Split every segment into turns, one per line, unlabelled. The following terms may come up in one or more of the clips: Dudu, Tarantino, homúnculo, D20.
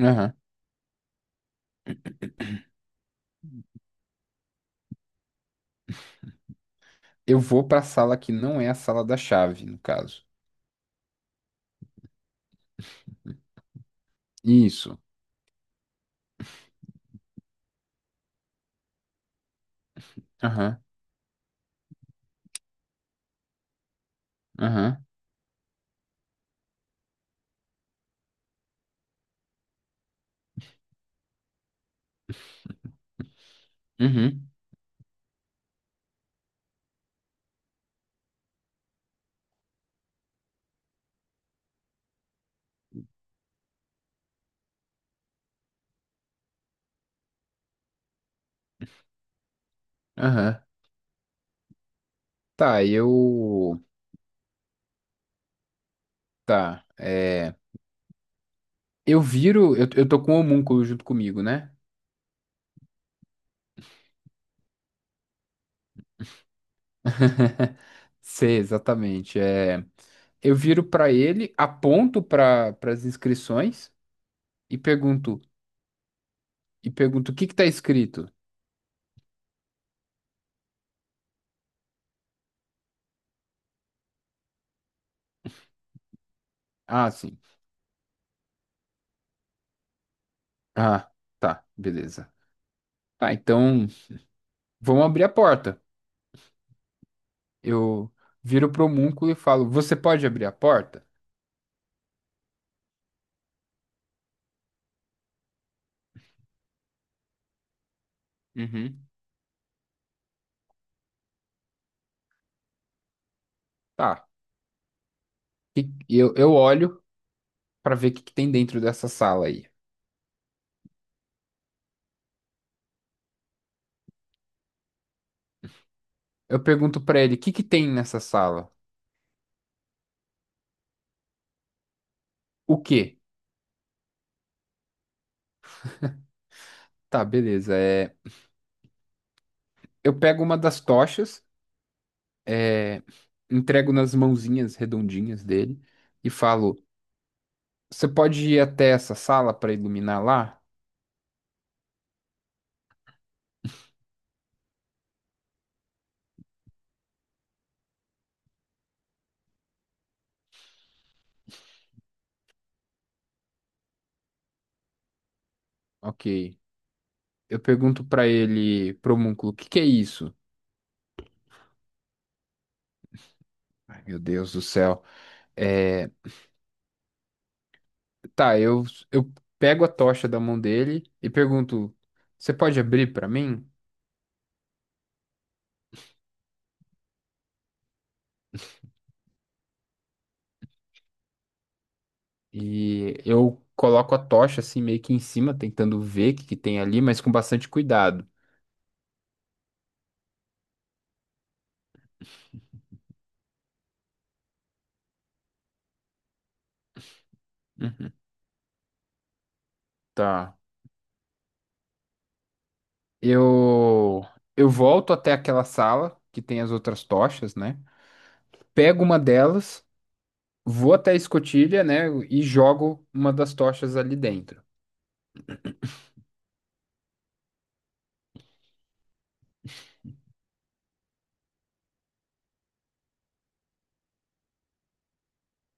Aham. Eu vou pra sala que não é a sala da chave, no caso. Isso. Aham, aham, uhum, aham. Tá, eu. Tá, é. Eu viro. Eu tô com o homúnculo junto comigo, né? Sei, exatamente. É. Eu viro pra ele, aponto para as inscrições e pergunto. E pergunto o que que tá escrito? Ah, sim. Ah, tá, beleza. Tá, então vamos abrir a porta. Eu viro pro homúnculo e falo: Você pode abrir a porta? Uhum. Tá. E eu olho pra ver o que que tem dentro dessa sala aí. Eu pergunto pra ele: O que que tem nessa sala? O quê? Tá, beleza. É, eu pego uma das tochas, é, entrego nas mãozinhas redondinhas dele e falo: Você pode ir até essa sala pra iluminar lá? Ok. Eu pergunto pra ele, pro homúnculo: O que que é isso? Ai, meu Deus do céu. É. Tá, eu pego a tocha da mão dele e pergunto: Você pode abrir pra mim? E eu coloco a tocha assim meio que em cima, tentando ver o que que tem ali, mas com bastante cuidado. Uhum. Tá. Eu, eu volto até aquela sala que tem as outras tochas, né? Pego uma delas, vou até a escotilha, né? E jogo uma das tochas ali dentro.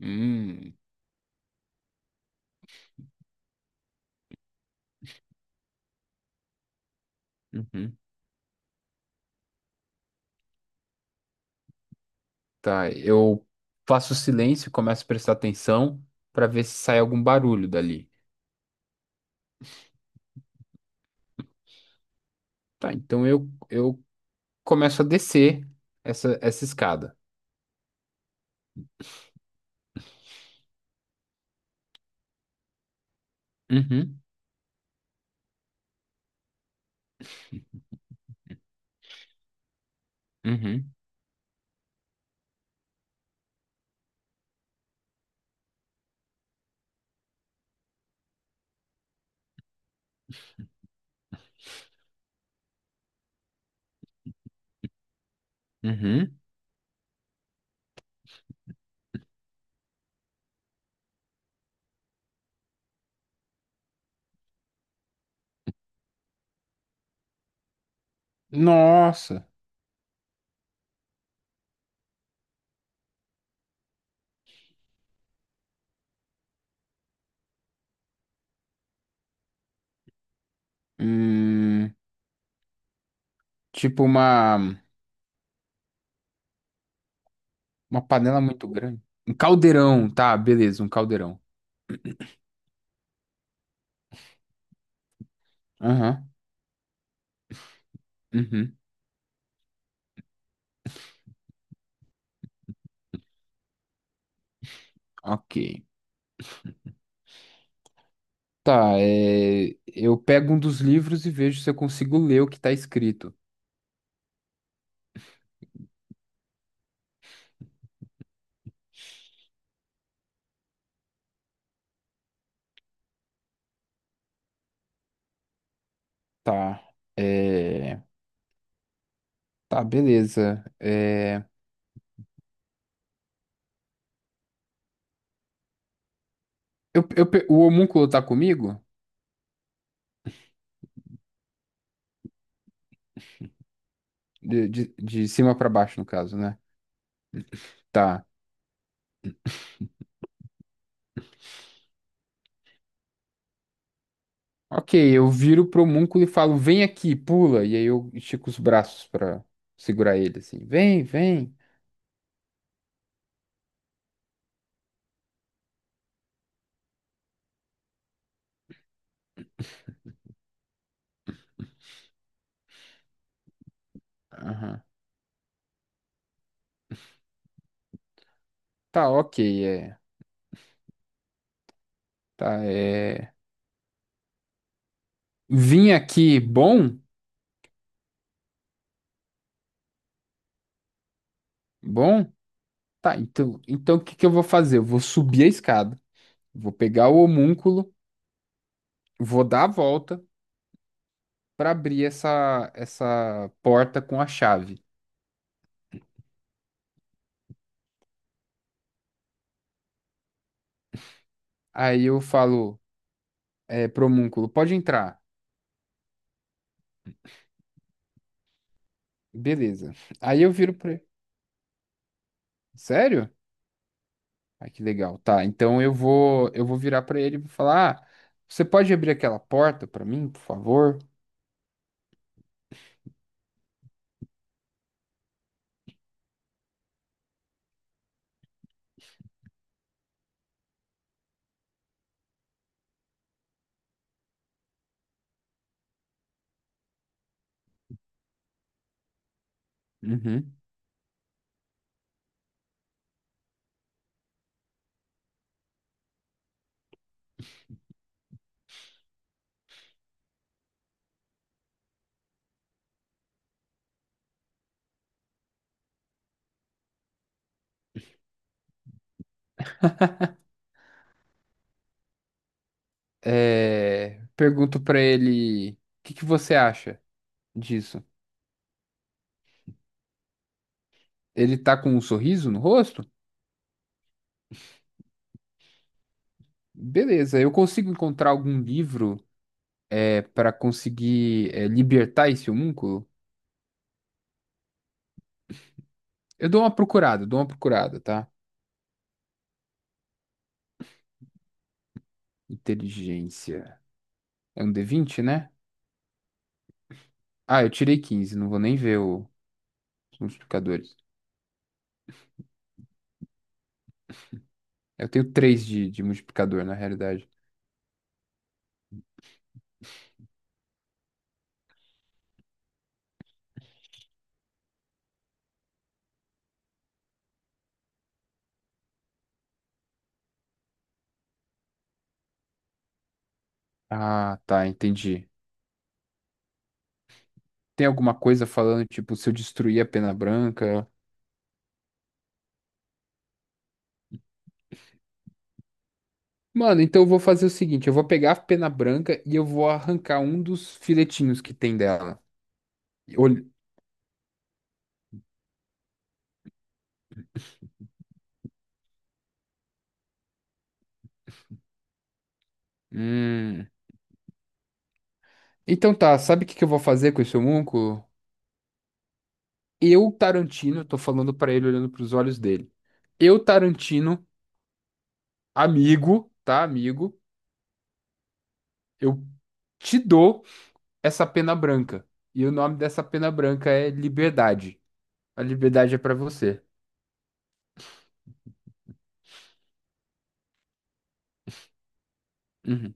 Hum. Uhum. Tá, eu faço silêncio e começo a prestar atenção para ver se sai algum barulho dali. Tá, então eu começo a descer essa escada. Uhum, uhum, uhum. Nossa, hum, tipo uma panela muito grande. Um caldeirão, tá, beleza, um caldeirão. Aham, uhum, ok. Tá, é, eu pego um dos livros e vejo se eu consigo ler o que tá escrito. Tá, é. Tá, beleza. É, eu, o homúnculo tá comigo? De cima pra baixo, no caso, né? Tá. Ok, eu viro pro homúnculo e falo, vem aqui, pula. E aí eu estico os braços pra segurar ele, assim. Vem, vem. Aham. Tá, ok, é. Tá, é. Vim aqui, bom? Bom? Tá, então, então o que que eu vou fazer? Eu vou subir a escada, vou pegar o homúnculo, vou dar a volta pra abrir essa porta com a chave. Aí eu falo, é, homúnculo, pode entrar. Beleza. Aí eu viro pra ele. Sério? Ah, que legal. Tá, então eu vou virar pra ele e vou falar, ah, você pode abrir aquela porta pra mim, por favor? Uhum. É, pergunto pra ele, o que que você acha disso? Ele tá com um sorriso no rosto? Beleza, eu consigo encontrar algum livro é, para conseguir é, libertar esse homúnculo? Eu dou uma procurada, tá? Inteligência. É um D20, né? Ah, eu tirei 15, não vou nem ver os multiplicadores. Eu tenho 3 de multiplicador, na realidade. Ah, tá, entendi. Tem alguma coisa falando, tipo, se eu destruir a pena branca? Mano, então eu vou fazer o seguinte, eu vou pegar a pena branca e eu vou arrancar um dos filetinhos que tem dela. E olh- Hum. Então tá, sabe o que que eu vou fazer com esse homúnculo? Eu, Tarantino, tô falando pra ele olhando pros olhos dele. Eu, Tarantino, amigo, tá, amigo, eu te dou essa pena branca. E o nome dessa pena branca é liberdade. A liberdade é pra você. Uhum.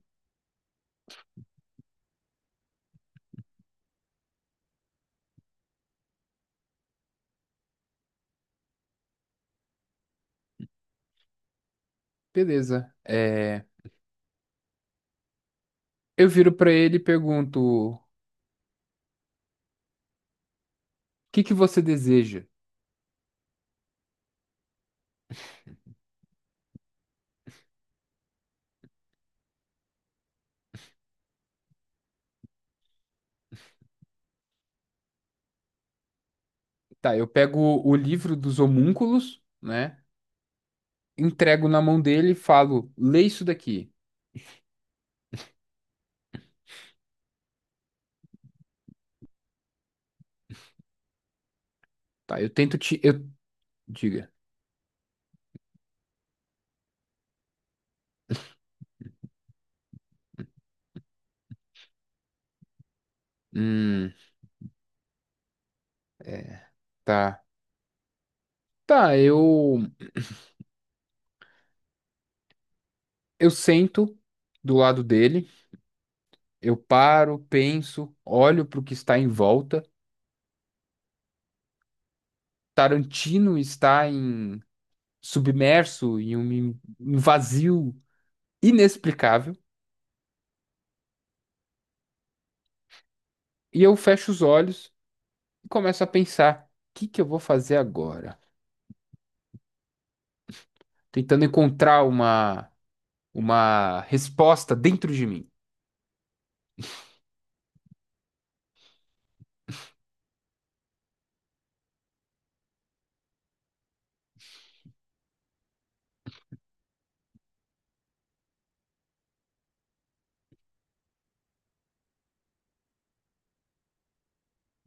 Beleza. É, eu viro pra ele e pergunto: o que que você deseja? Tá, eu pego o livro dos homúnculos, né? Entrego na mão dele e falo: lê isso daqui. Tá, eu tento te. Eu... Diga. Hum, é, tá. Tá, eu. Eu sento do lado dele, eu paro, penso, olho pro que está em volta. Tarantino está em submerso em um um vazio inexplicável, e eu fecho os olhos e começo a pensar: o que que eu vou fazer agora? Tentando encontrar uma resposta dentro de mim.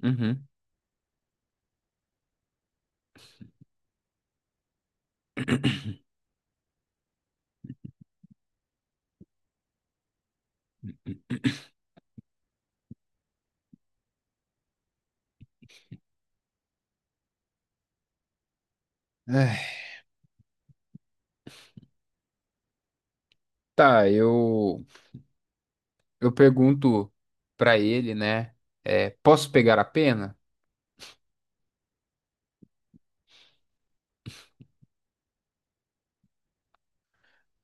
Uhum. É, tá, eu pergunto pra ele, né? É, posso pegar a pena?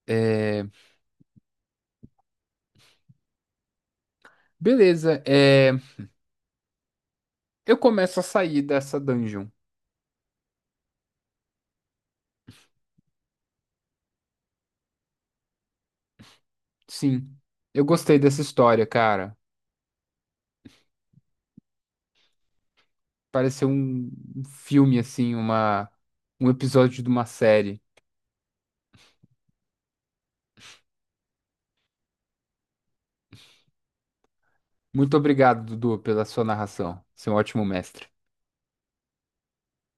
É, beleza, é, eu começo a sair dessa dungeon. Sim, eu gostei dessa história, cara. Pareceu um um filme, assim, uma, um episódio de uma série. Muito obrigado, Dudu, pela sua narração. Você é um ótimo mestre.